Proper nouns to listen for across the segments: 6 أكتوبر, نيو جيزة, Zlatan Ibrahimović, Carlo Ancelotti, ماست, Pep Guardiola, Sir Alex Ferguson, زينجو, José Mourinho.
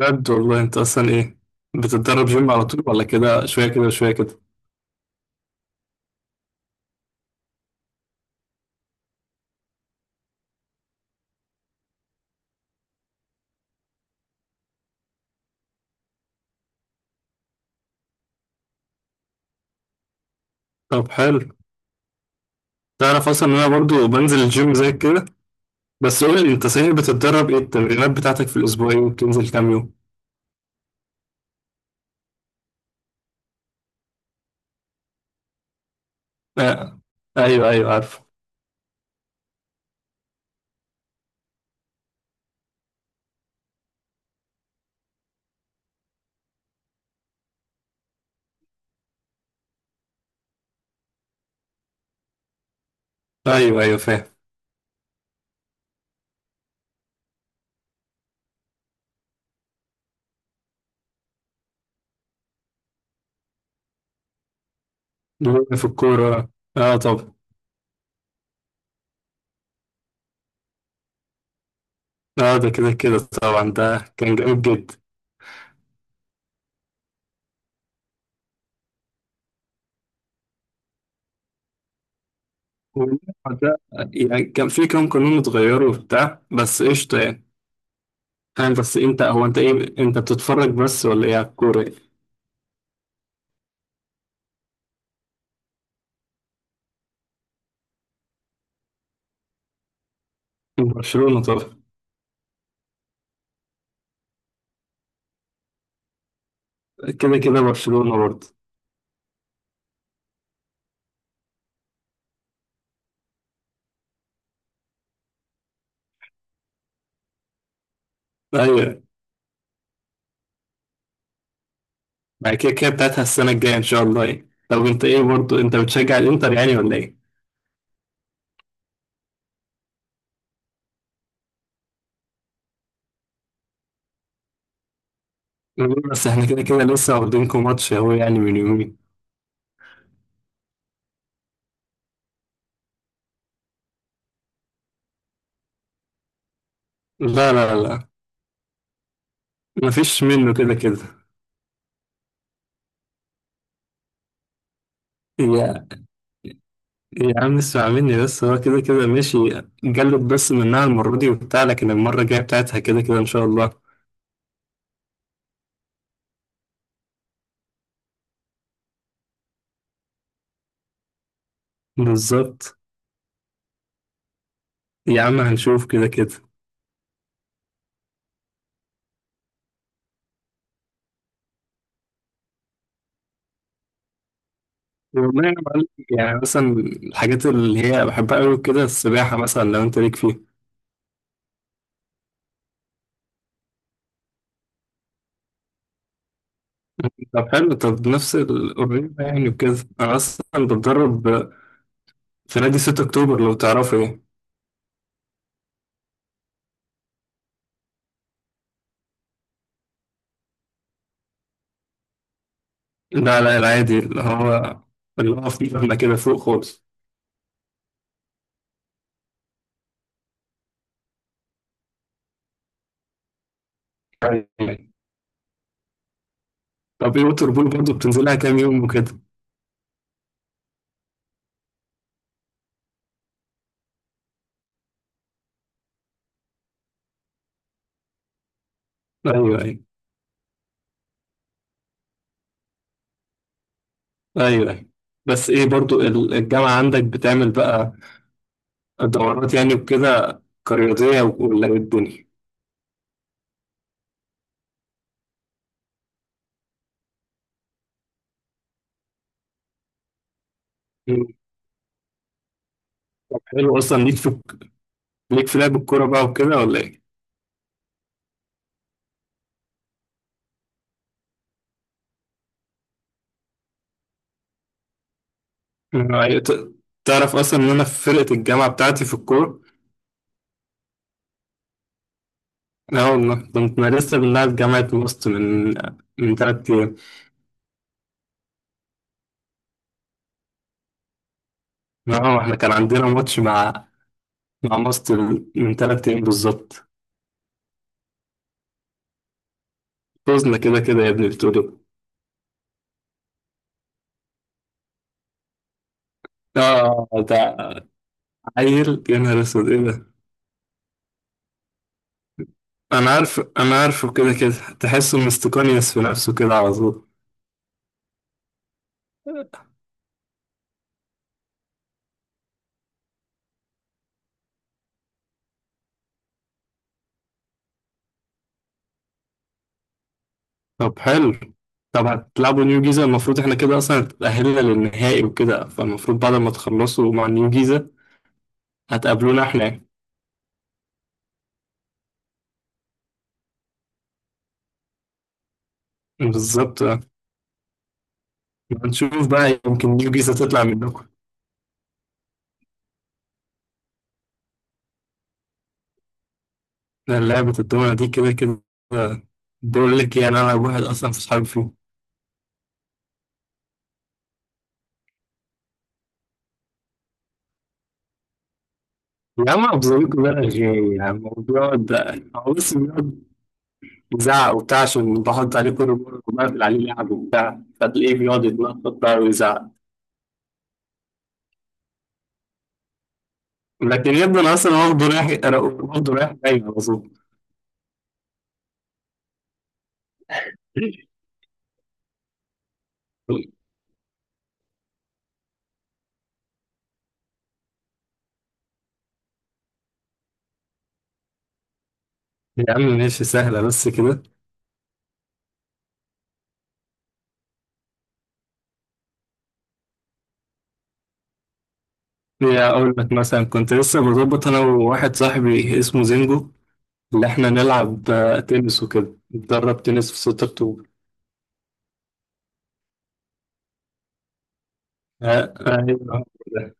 بجد والله انت اصلا ايه؟ بتتدرب جيم على طول ولا كده شويه كده شويه كده؟ طب حلو، تعرف اصلا ان انا برضو بنزل الجيم زي كده. بس قول لي انت صحيح، بتتدرب ايه التمرينات بتاعتك في الاسبوع، ايه وبتنزل كام يوم؟ آه. ايوه ايوه عارف. ايوه ايوه فاهم. في الكوره، اه طب. اه ده كده كده طبعا، ده كان جامد جدا. والموضوع ده يعني كان في كام قانون اتغيروا وبتاع، بس قشطه يعني. فاهم، بس انت هو انت ايه، انت بتتفرج بس ولا ايه على الكوره؟ برشلونه طبعا. كده كده برشلونة برضه. ايوه. بعد كده كده بتاعتها السنة الجاية ان شاء الله يعني. طب انت ايه برضه، انت بتشجع الانتر يعني ولا ايه؟ بس احنا كده كده لسه واخدينكم ماتش اهو يعني من يومين. لا لا لا، مفيش منه كده كده. يا يا عم اسمع مني، بس هو كده كده ماشي. جلد بس منها المرة دي وبتاع، لكن المرة الجاية بتاعتها كده كده ان شاء الله. بالظبط. يا عم هنشوف كده كده. والله يا معلم، يعني مثلا الحاجات اللي هي بحبها قوي كده السباحة، مثلا لو انت ليك فيها. طب حلو، طب نفس القريب يعني وكده، أنا أصلا بتدرب في نادي 6 أكتوبر لو تعرفه يعني. لا لا، العادي اللي هو اللي هو فيه مبنى كده فوق خالص. أيوة. طب إيه ووتر بول برضه بتنزلها كام يوم وكده؟ أيوه أيوه. أيوه أيوه. بس إيه برضه الجامعة عندك بتعمل بقى دورات يعني وكده كرياضية، ولا إيه الدنيا؟ مم. حلو، أصلا ليك في لعب الكورة بقى وكده ولا إيه؟ مم. أيوة، تعرف أصلا إن أنا في فرقة الجامعة بتاعتي في الكورة. لا والله، كنت لسه بنلعب جامعة ماست من تلات أيام. اه احنا كان عندنا ماتش مع ماست من تلات أيام بالظبط. فزنا كده كده يا ابني بتقولوا. اه ده عيل، يا نهار أسود إيه ده. أنا عارف، أنا عارفه كده كده، تحسه مستقنيس في نفسه كده على طول. طب حلو، طب هتلعبوا نيو جيزة. المفروض احنا كده أصلا اتأهلنا للنهائي وكده، فالمفروض بعد ما تخلصوا مع نيو جيزة هتقابلونا احنا. بالظبط. نشوف بقى، يمكن نيو جيزة تطلع منكم. لأن لعبة الدولة دي كده كده، بقول لك يعني أنا واحد أصلا في صحابي فيه. يا عم أبزويكوا بقى غير يا عم، وبيقعد، هو بس بيقعد يزعق وبتاع عشان بحط عليه كل مرة وبقفل عليه لعب وبتاع، فتلاقيه بيقعد يتنطط بقى ويزعق. لكن يبدو أنا أصلا واخده رايح، واخده رايح جاي على طول. يا عم ماشي، سهلة بس كده. يا أقول لك، مثلا كنت لسه بظبط أنا وواحد صاحبي اسمه زينجو إن إحنا نلعب تنس وكده، نتدرب تنس في 6 أكتوبر. آه، آه، أيوه ده.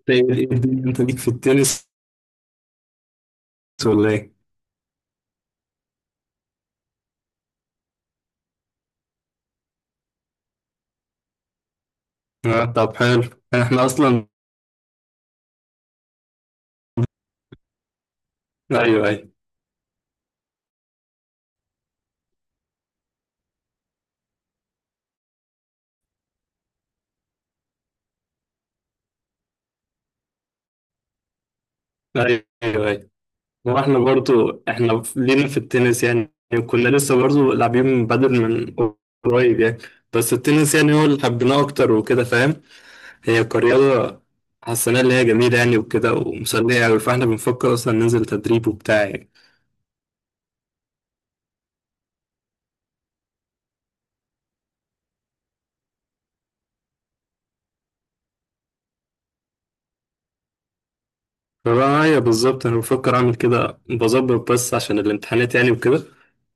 إنت إيه، إيه الدنيا، أنت ليك في التنس ولا إيه؟ طب حلو. إحنا أصلا أيوه أيوه أيوه أيوه، وإحنا برضو إحنا لينا في التنس يعني. كنا لسه برضو لاعبين بدل من قريب يعني، بس التنس يعني هو اللي حبيناه أكتر وكده فاهم. هي كرياضة حسيناها اللي هي جميلة يعني وكده ومسلية أوي، فإحنا بنفكر أصلا ننزل تدريب وبتاع يعني. معايا بالظبط، انا بفكر اعمل كده بظبط، بس عشان الامتحانات يعني وكده،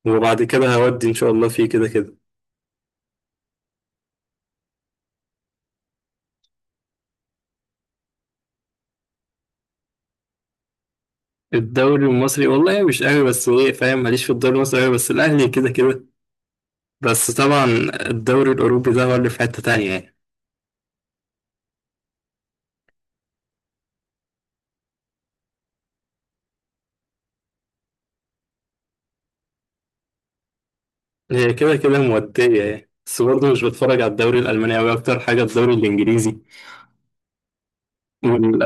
وبعد كده هودي ان شاء الله فيه كده كده. الدوري المصري والله مش قوي، بس ايه فاهم، ماليش في الدوري المصري قوي، بس الاهلي كده كده. بس طبعا الدوري الاوروبي ده هو اللي في حتة تانية يعني. هي كده كده مودية يعني، بس برضه مش بتفرج على الدوري الالماني قوي، اكتر حاجة الدوري الانجليزي وال.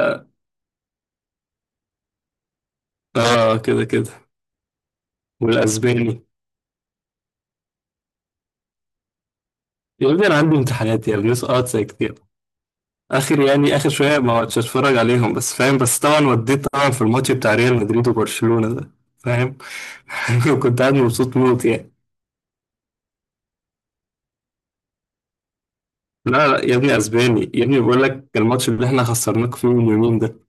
اه كده كده، والاسباني. يا ابني انا عندي امتحانات يا ابني، اسقاط زي كتير. اخر يعني اخر شويه ما عدتش اتفرج عليهم بس فاهم، بس طبعا وديت طبعا في الماتش بتاع ريال مدريد وبرشلونه ده، فاهم. كنت قاعد مبسوط موت يعني. لا لا يا ابني، اسباني يا ابني، بقول لك الماتش اللي احنا خسرناك فيه من يومين ده.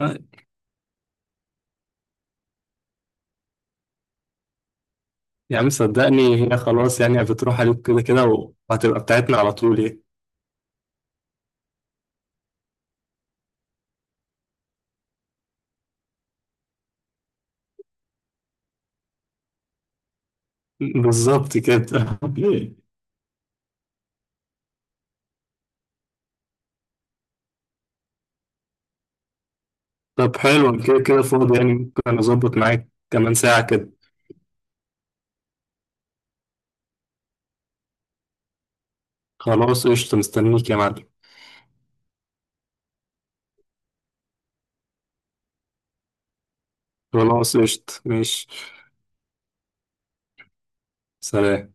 آه. يا عم صدقني، هي خلاص يعني بتروح عليك كده كده، وهتبقى بتاعتنا على طول يعني. بالظبط كده. طب حلو، أنا كده كده فاضي يعني، ممكن اظبط معاك كمان ساعه كده. خلاص قشطه، مستنيك يا معلم. خلاص قشطه ماشي. سلام.